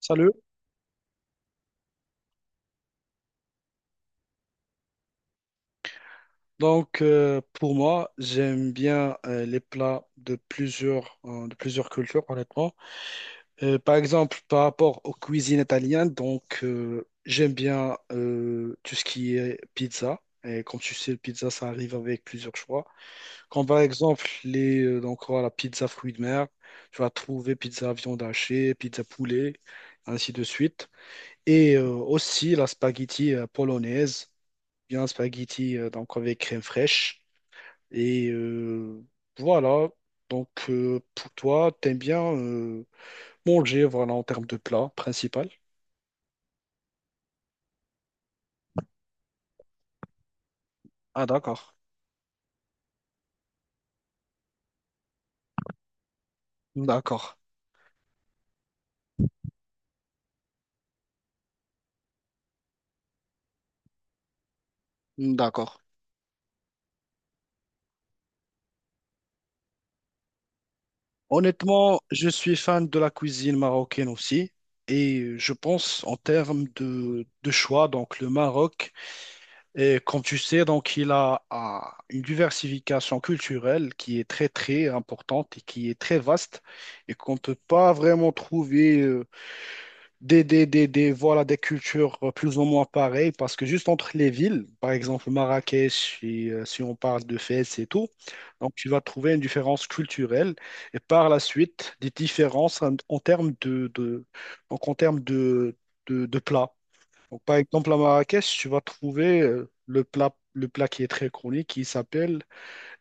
Salut. Pour moi, j'aime bien les plats de plusieurs cultures, honnêtement. Par exemple, par rapport aux cuisines italiennes, j'aime bien tout ce qui est pizza. Et comme tu sais, le pizza, ça arrive avec plusieurs choix. Comme par exemple, voilà, pizza fruits de mer, tu vas trouver pizza viande hachée, pizza poulet, ainsi de suite. Et aussi la spaghetti polonaise, bien spaghetti donc avec crème fraîche. Et euh, voilà, pour toi, t'aimes bien manger, voilà, en termes de plat principal. Ah d'accord, d'accord, d'accord. Honnêtement, je suis fan de la cuisine marocaine aussi. Et je pense en termes de choix, donc le Maroc, et comme tu sais, donc il a une diversification culturelle qui est très très importante et qui est très vaste et qu'on ne peut pas vraiment trouver. Voilà, des cultures plus ou moins pareilles, parce que juste entre les villes, par exemple Marrakech, si on parle de Fès et tout, donc tu vas trouver une différence culturelle et par la suite des différences en termes de plats. Donc, par exemple à Marrakech, tu vas trouver le plat qui est très connu qui s'appelle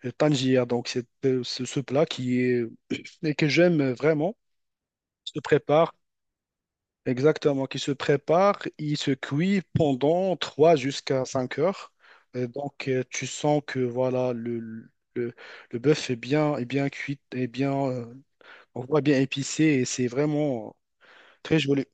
Tangier. Donc c'est ce plat qui est et que j'aime vraiment se prépare. Exactement, qui se prépare, il se cuit pendant 3 jusqu'à 5 heures. Et donc, tu sens que voilà, le, le bœuf est bien cuit, on voit bien épicé et c'est vraiment très joli.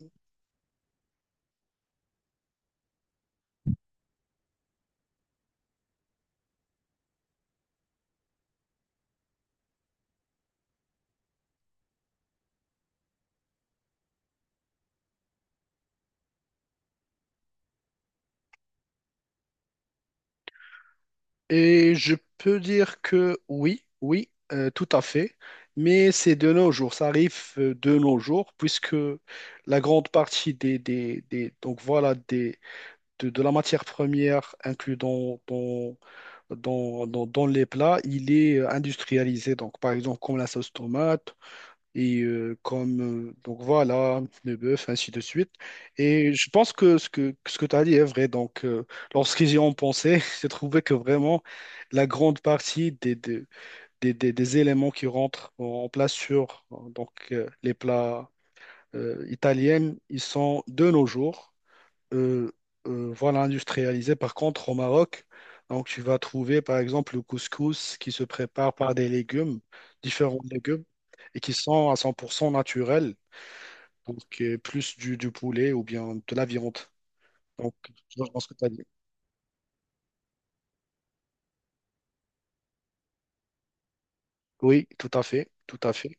Et je peux dire que oui, oui, tout à fait. Mais c'est de nos jours, ça arrive de nos jours, puisque la grande partie de la matière première inclue dans les plats, il est industrialisé. Donc, par exemple, comme la sauce tomate et comme, donc voilà, le bœuf, ainsi de suite. Et je pense que ce que tu as dit est vrai. Lorsqu'ils y ont pensé, j'ai trouvé que vraiment la grande partie des éléments qui rentrent en place sur les plats italiens, ils sont de nos jours euh, voilà, industrialisé. Par contre, au Maroc, donc tu vas trouver par exemple le couscous qui se prépare par des légumes, différents légumes, et qui sont à 100% naturels, donc plus du poulet ou bien de la viande. Donc, je vois ce que tu as dit. Oui, tout à fait, tout à fait.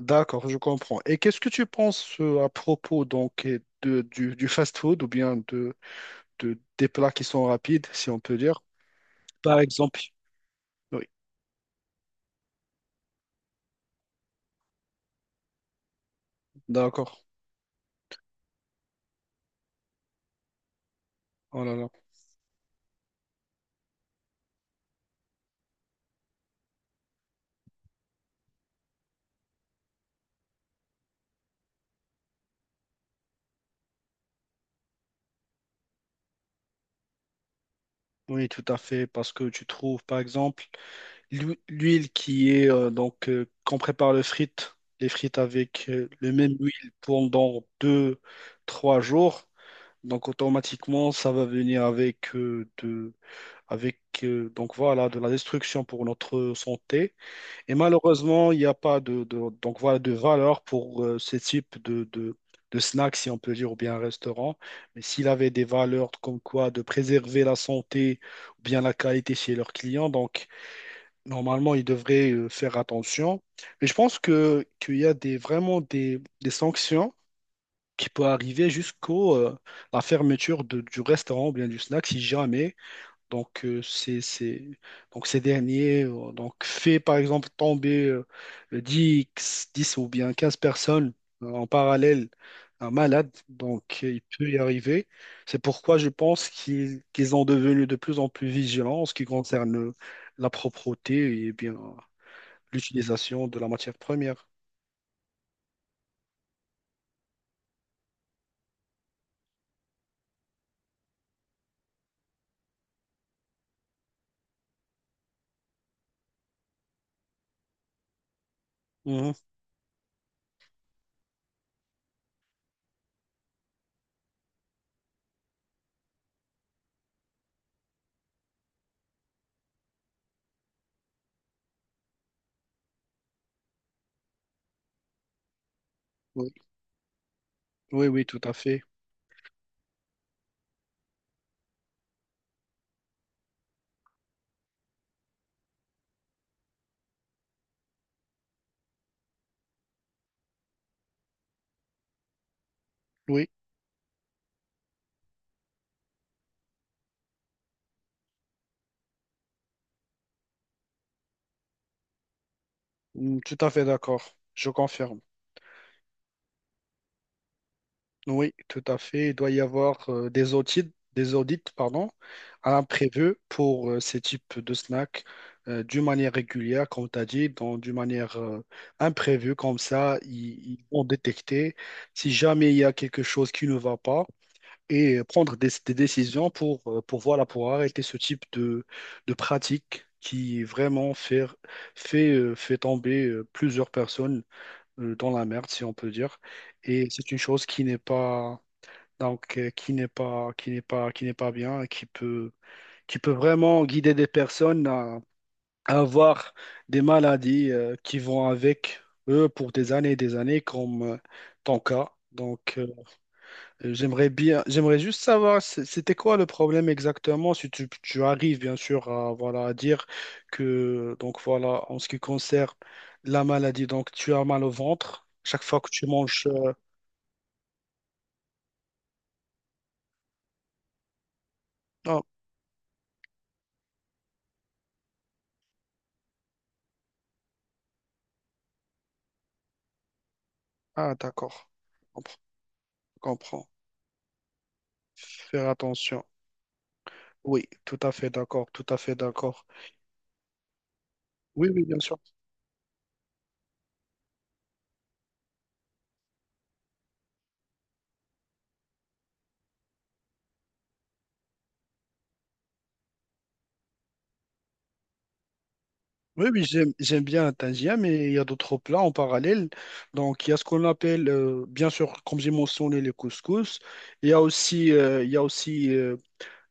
D'accord, je comprends. Et qu'est-ce que tu penses à propos du fast-food ou bien des plats qui sont rapides, si on peut dire? Par exemple. Oui, d'accord. Oh là là. Oui, tout à fait, parce que tu trouves, par exemple, l'huile qui est, qu'on prépare les frites avec le même huile pendant deux, trois jours, donc automatiquement, ça va venir avec voilà, de la destruction pour notre santé. Et malheureusement, il n'y a pas de voilà, de valeur pour ce type de snack, si on peut dire, ou bien un restaurant. Mais s'il avait des valeurs comme quoi de préserver la santé ou bien la qualité chez leurs clients, donc normalement, ils devraient faire attention. Mais je pense que qu'il y a des, vraiment des sanctions qui peuvent arriver jusqu'au la fermeture du restaurant ou bien du snack si jamais c'est, donc ces derniers donc fait par exemple tomber 10 10 ou bien 15 personnes en parallèle un malade, donc il peut y arriver. C'est pourquoi je pense qu'ils ont devenu de plus en plus vigilants en ce qui concerne la propreté et bien l'utilisation de la matière première. Mhm. Oui. Oui, oui, tout à fait. Oui. Mm, tout à fait d'accord. Je confirme. Oui, tout à fait. Il doit y avoir des audits, pardon, à l'imprévu pour ces types de snacks d'une manière régulière, comme tu as dit, donc d'une manière imprévue, comme ça, ils vont détecter si jamais il y a quelque chose qui ne va pas et prendre des décisions pour, voilà, pour arrêter ce type de pratique qui vraiment fait tomber plusieurs personnes dans la merde, si on peut dire. Et c'est une chose qui n'est pas donc qui n'est pas, qui n'est pas, qui n'est pas bien, et qui peut vraiment guider des personnes à avoir des maladies qui vont avec eux pour des années et des années, comme ton cas. J'aimerais juste savoir, c'était quoi le problème exactement, si tu arrives bien sûr à, voilà, à dire que, donc voilà, en ce qui concerne la maladie, donc tu as mal au ventre chaque fois que tu manges. Non. Ah, d'accord. Compre- Comprends. Faire attention. Oui, tout à fait d'accord, tout à fait d'accord. Oui, oui, bien sûr. Oui, oui, j'aime bien un tangien, mais il y a d'autres plats en parallèle. Donc, il y a ce qu'on appelle, bien sûr, comme j'ai mentionné, les couscous. Il y a aussi euh,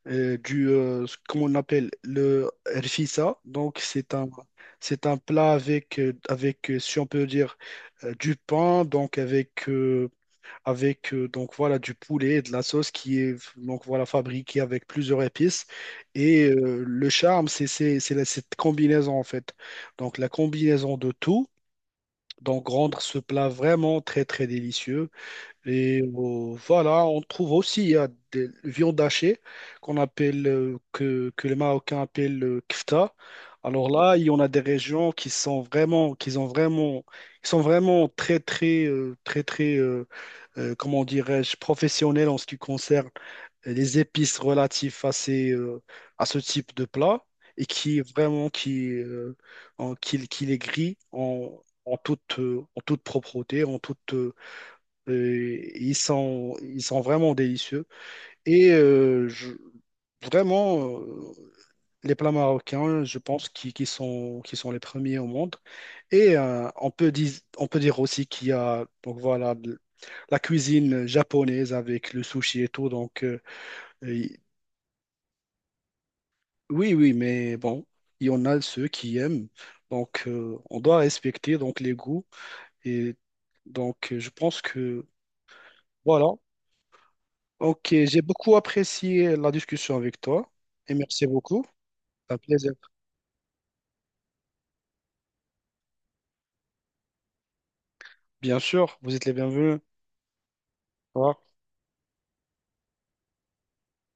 euh, du, euh, ce qu'on appelle le rfissa. Donc, c'est un plat si on peut dire, du pain, avec donc voilà du poulet et de la sauce qui est donc voilà fabriquée avec plusieurs épices et le charme c'est cette combinaison en fait donc la combinaison de tout donc rendre ce plat vraiment très très délicieux et voilà, on trouve aussi il y a des viandes hachées qu'on appelle, que les Marocains appellent le kfta. Alors là, il y en a des régions qui sont vraiment, qui ont vraiment, qui sont vraiment comment dirais-je, professionnelles en ce qui concerne les épices relatives à à ce type de plat et qui vraiment, qui les grillent en toute propreté, en toute ils sont vraiment délicieux. Et euh, je- vraiment, euh, les plats marocains, je pense qu'ils sont les premiers au monde. Et euh, on peut dire, on peut dire aussi qu'il y a donc voilà, la cuisine japonaise avec le sushi et tout. Et- oui, oui, mais bon, il y en a ceux qui aiment. Donc, on doit respecter donc, les goûts. Et donc, je pense que voilà, Ok, j'ai beaucoup apprécié la discussion avec toi et merci beaucoup. Un plaisir. Bien sûr, vous êtes les bienvenus. Au revoir.